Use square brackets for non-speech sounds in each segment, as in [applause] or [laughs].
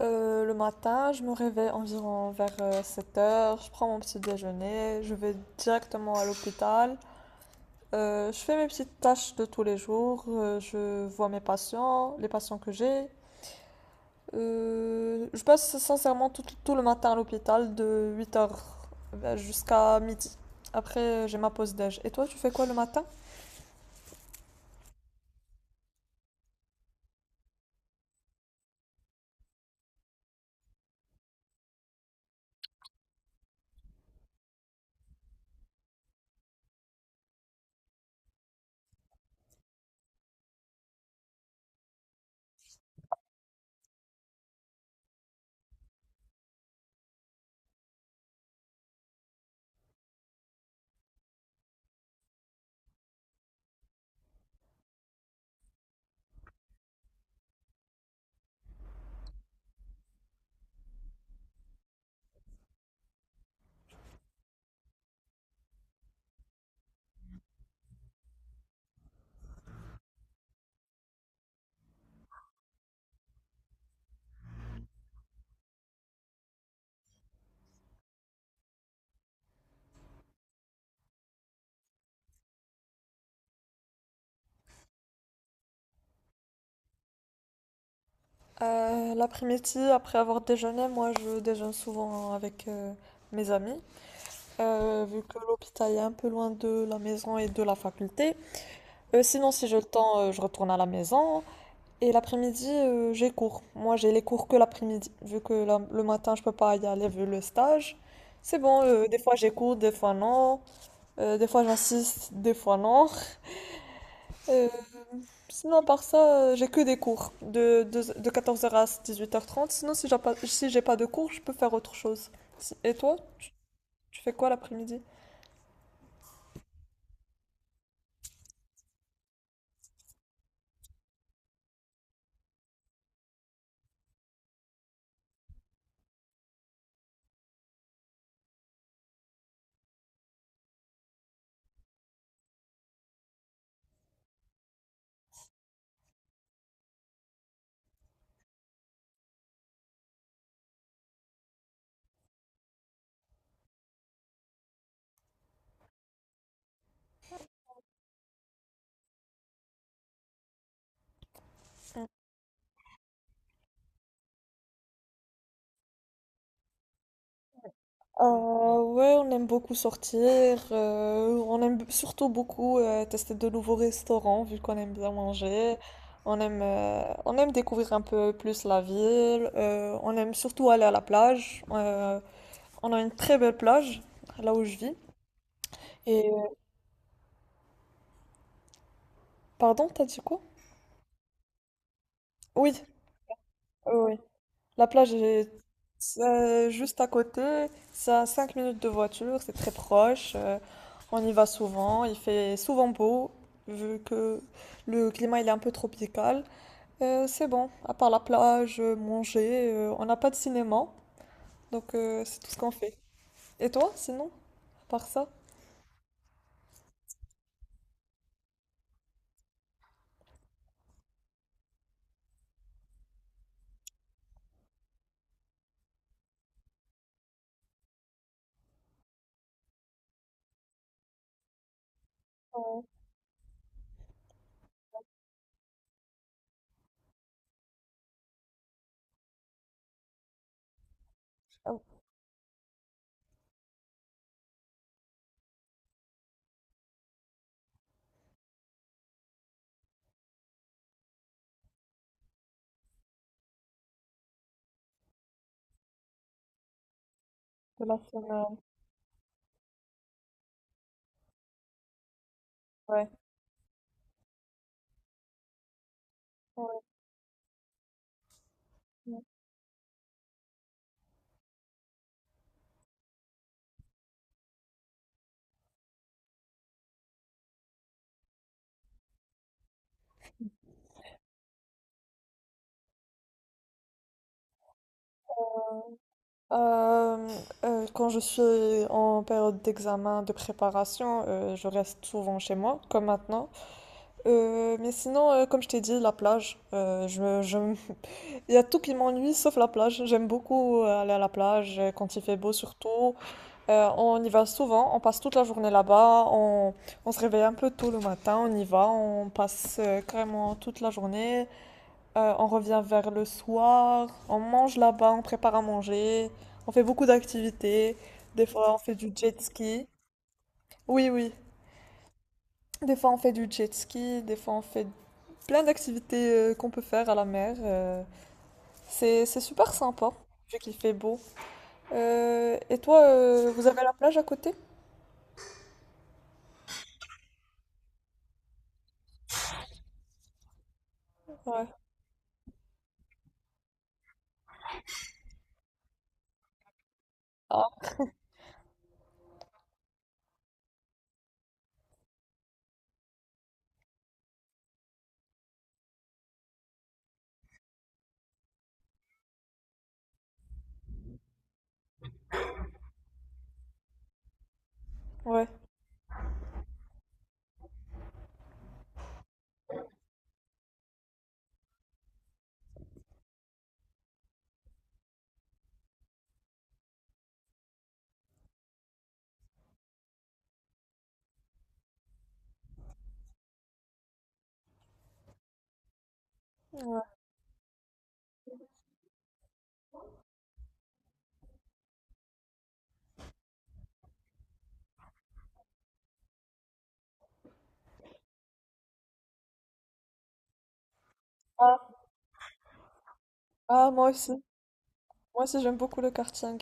Le matin, je me réveille environ vers 7h, je prends mon petit déjeuner, je vais directement à l'hôpital. Je fais mes petites tâches de tous les jours, je vois mes patients, les patients que j'ai. Je passe sincèrement tout le matin à l'hôpital de 8h jusqu'à midi. Après, j'ai ma pause déj. Et toi, tu fais quoi le matin? L'après-midi, après avoir déjeuné, moi, je déjeune souvent avec mes amis. Vu que l'hôpital est un peu loin de la maison et de la faculté. Sinon, si j'ai le temps, je retourne à la maison. Et l'après-midi, j'ai cours. Moi, j'ai les cours que l'après-midi, vu que le matin, je peux pas y aller vu le stage. C'est bon, des fois j'ai cours, des fois non. Des fois j'insiste, des fois non. [laughs] Euh, Sinon, par ça, j'ai que des cours de 14h à 18h30. Sinon, si j'ai pas de cours, je peux faire autre chose. Et toi, tu fais quoi l'après-midi? Ouais, on aime beaucoup sortir, on aime surtout beaucoup tester de nouveaux restaurants vu qu'on aime bien manger, on aime découvrir un peu plus la ville, on aime surtout aller à la plage, on a une très belle plage là où je vis. Et pardon, t'as dit quoi? Oui, oui. La plage est juste à côté, c'est à 5 minutes de voiture, c'est très proche, on y va souvent, il fait souvent beau, vu que le climat il est un peu tropical. C'est bon, à part la plage, manger, on n'a pas de cinéma, donc c'est tout ce qu'on fait. Et toi, sinon, à part ça? Ouais. Ah, de la semaine, ouais. Ouais. Euh, Quand je suis en période d'examen, de préparation, je reste souvent chez moi, comme maintenant. Mais sinon, comme je t'ai dit, la plage. [laughs] Il y a tout qui m'ennuie sauf la plage. J'aime beaucoup aller à la plage quand il fait beau surtout. On y va souvent, on passe toute la journée là-bas. On se réveille un peu tôt le matin, on y va, on passe carrément toute la journée. On revient vers le soir, on mange là-bas, on prépare à manger. On fait beaucoup d'activités. Des fois, on fait du jet ski. Oui, oui. Des fois, on fait du jet ski, des fois, on fait plein d'activités qu'on peut faire à la mer. C'est super sympa, vu qu'il fait beau. Et toi, vous avez la plage à côté? Ouais. Ah, ouais. Ouais. Ah, ah, moi aussi. Moi aussi, j'aime beaucoup le karting.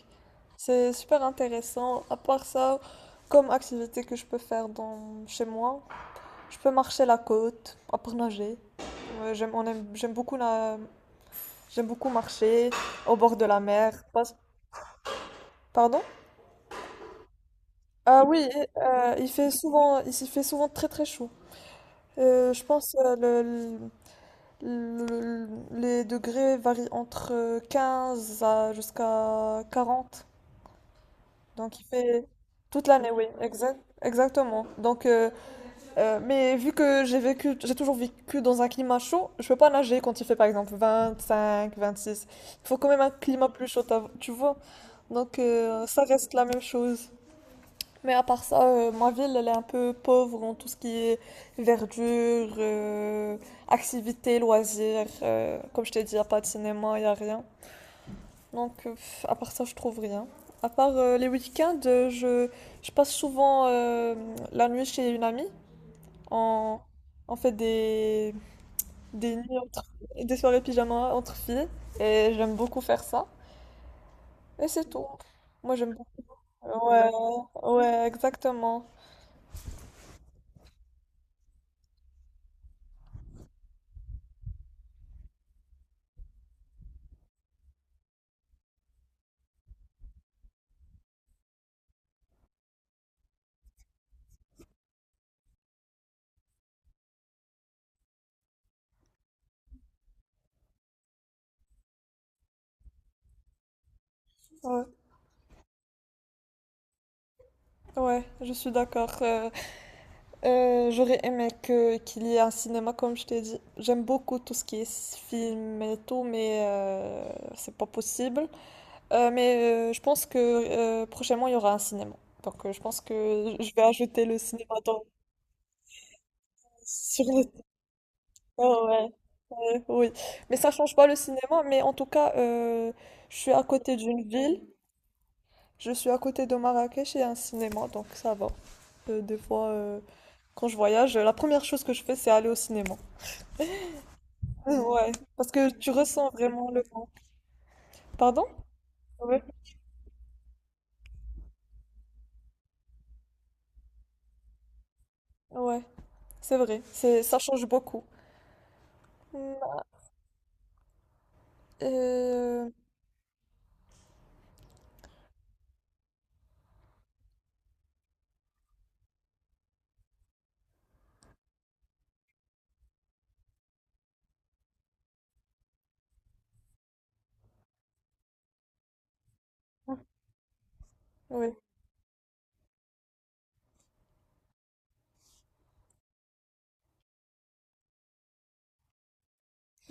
C'est super intéressant. À part ça, comme activité que je peux faire dans, chez moi, je peux marcher la côte, après nager. Ouais, j'aime beaucoup j'aime beaucoup marcher au bord de la mer. Pardon? Ah oui, il s'y fait souvent très très chaud. Je pense le- le- les degrés varient entre 15 à jusqu'à 40. Donc il fait toute l'année, oui, exactement. Mais vu que j'ai toujours vécu dans un climat chaud, je peux pas nager quand il fait par exemple 25, 26. Il faut quand même un climat plus chaud, tu vois. Donc ça reste la même chose. Mais à part ça, ma ville, elle est un peu pauvre en tout ce qui est verdure, activités, loisirs. Comme je t'ai dit, il n'y a pas de cinéma, il n'y a rien. Donc, à part ça, je trouve rien. À part les week-ends, je passe souvent la nuit chez une amie. On, on fait des nuits des soirées pyjama entre filles. Et j'aime beaucoup faire ça. Et c'est tout. Moi, j'aime beaucoup. Ouais, ouais, exactement. Ouais. Ouais, je suis d'accord. J'aurais aimé que qu'il y ait un cinéma, comme je t'ai dit. J'aime beaucoup tout ce qui est film et tout, mais c'est pas possible. Je pense que prochainement, il y aura un cinéma. Donc, je pense que je vais ajouter le cinéma sur le. Ah ouais, ouais, oui. Mais ça change pas le cinéma, mais en tout cas, je suis à côté d'une ville. Je suis à côté de Marrakech et un cinéma, donc ça va. Des fois, quand je voyage, la première chose que je fais, c'est aller au cinéma. [laughs] Ouais, parce que tu ressens vraiment le vent. Pardon? Ouais. Ouais, c'est vrai. Ça change beaucoup. Mm, Euh, oui.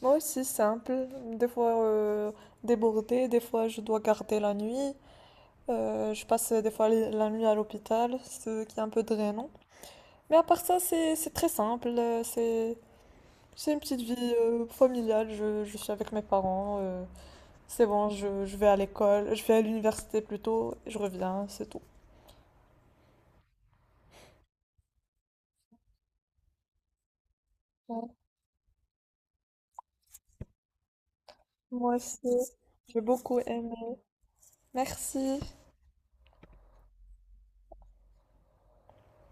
Moi aussi, simple. Des fois débordée, des fois je dois garder la nuit. Je passe des fois la nuit à l'hôpital, ce qui est un peu drainant. Mais à part ça, c'est très simple. C'est une petite vie familiale. Je suis avec mes parents. C'est bon, je vais à l'école, je vais à l'université plutôt, je reviens, c'est tout. Ouais, moi aussi, j'ai beaucoup aimé. Merci.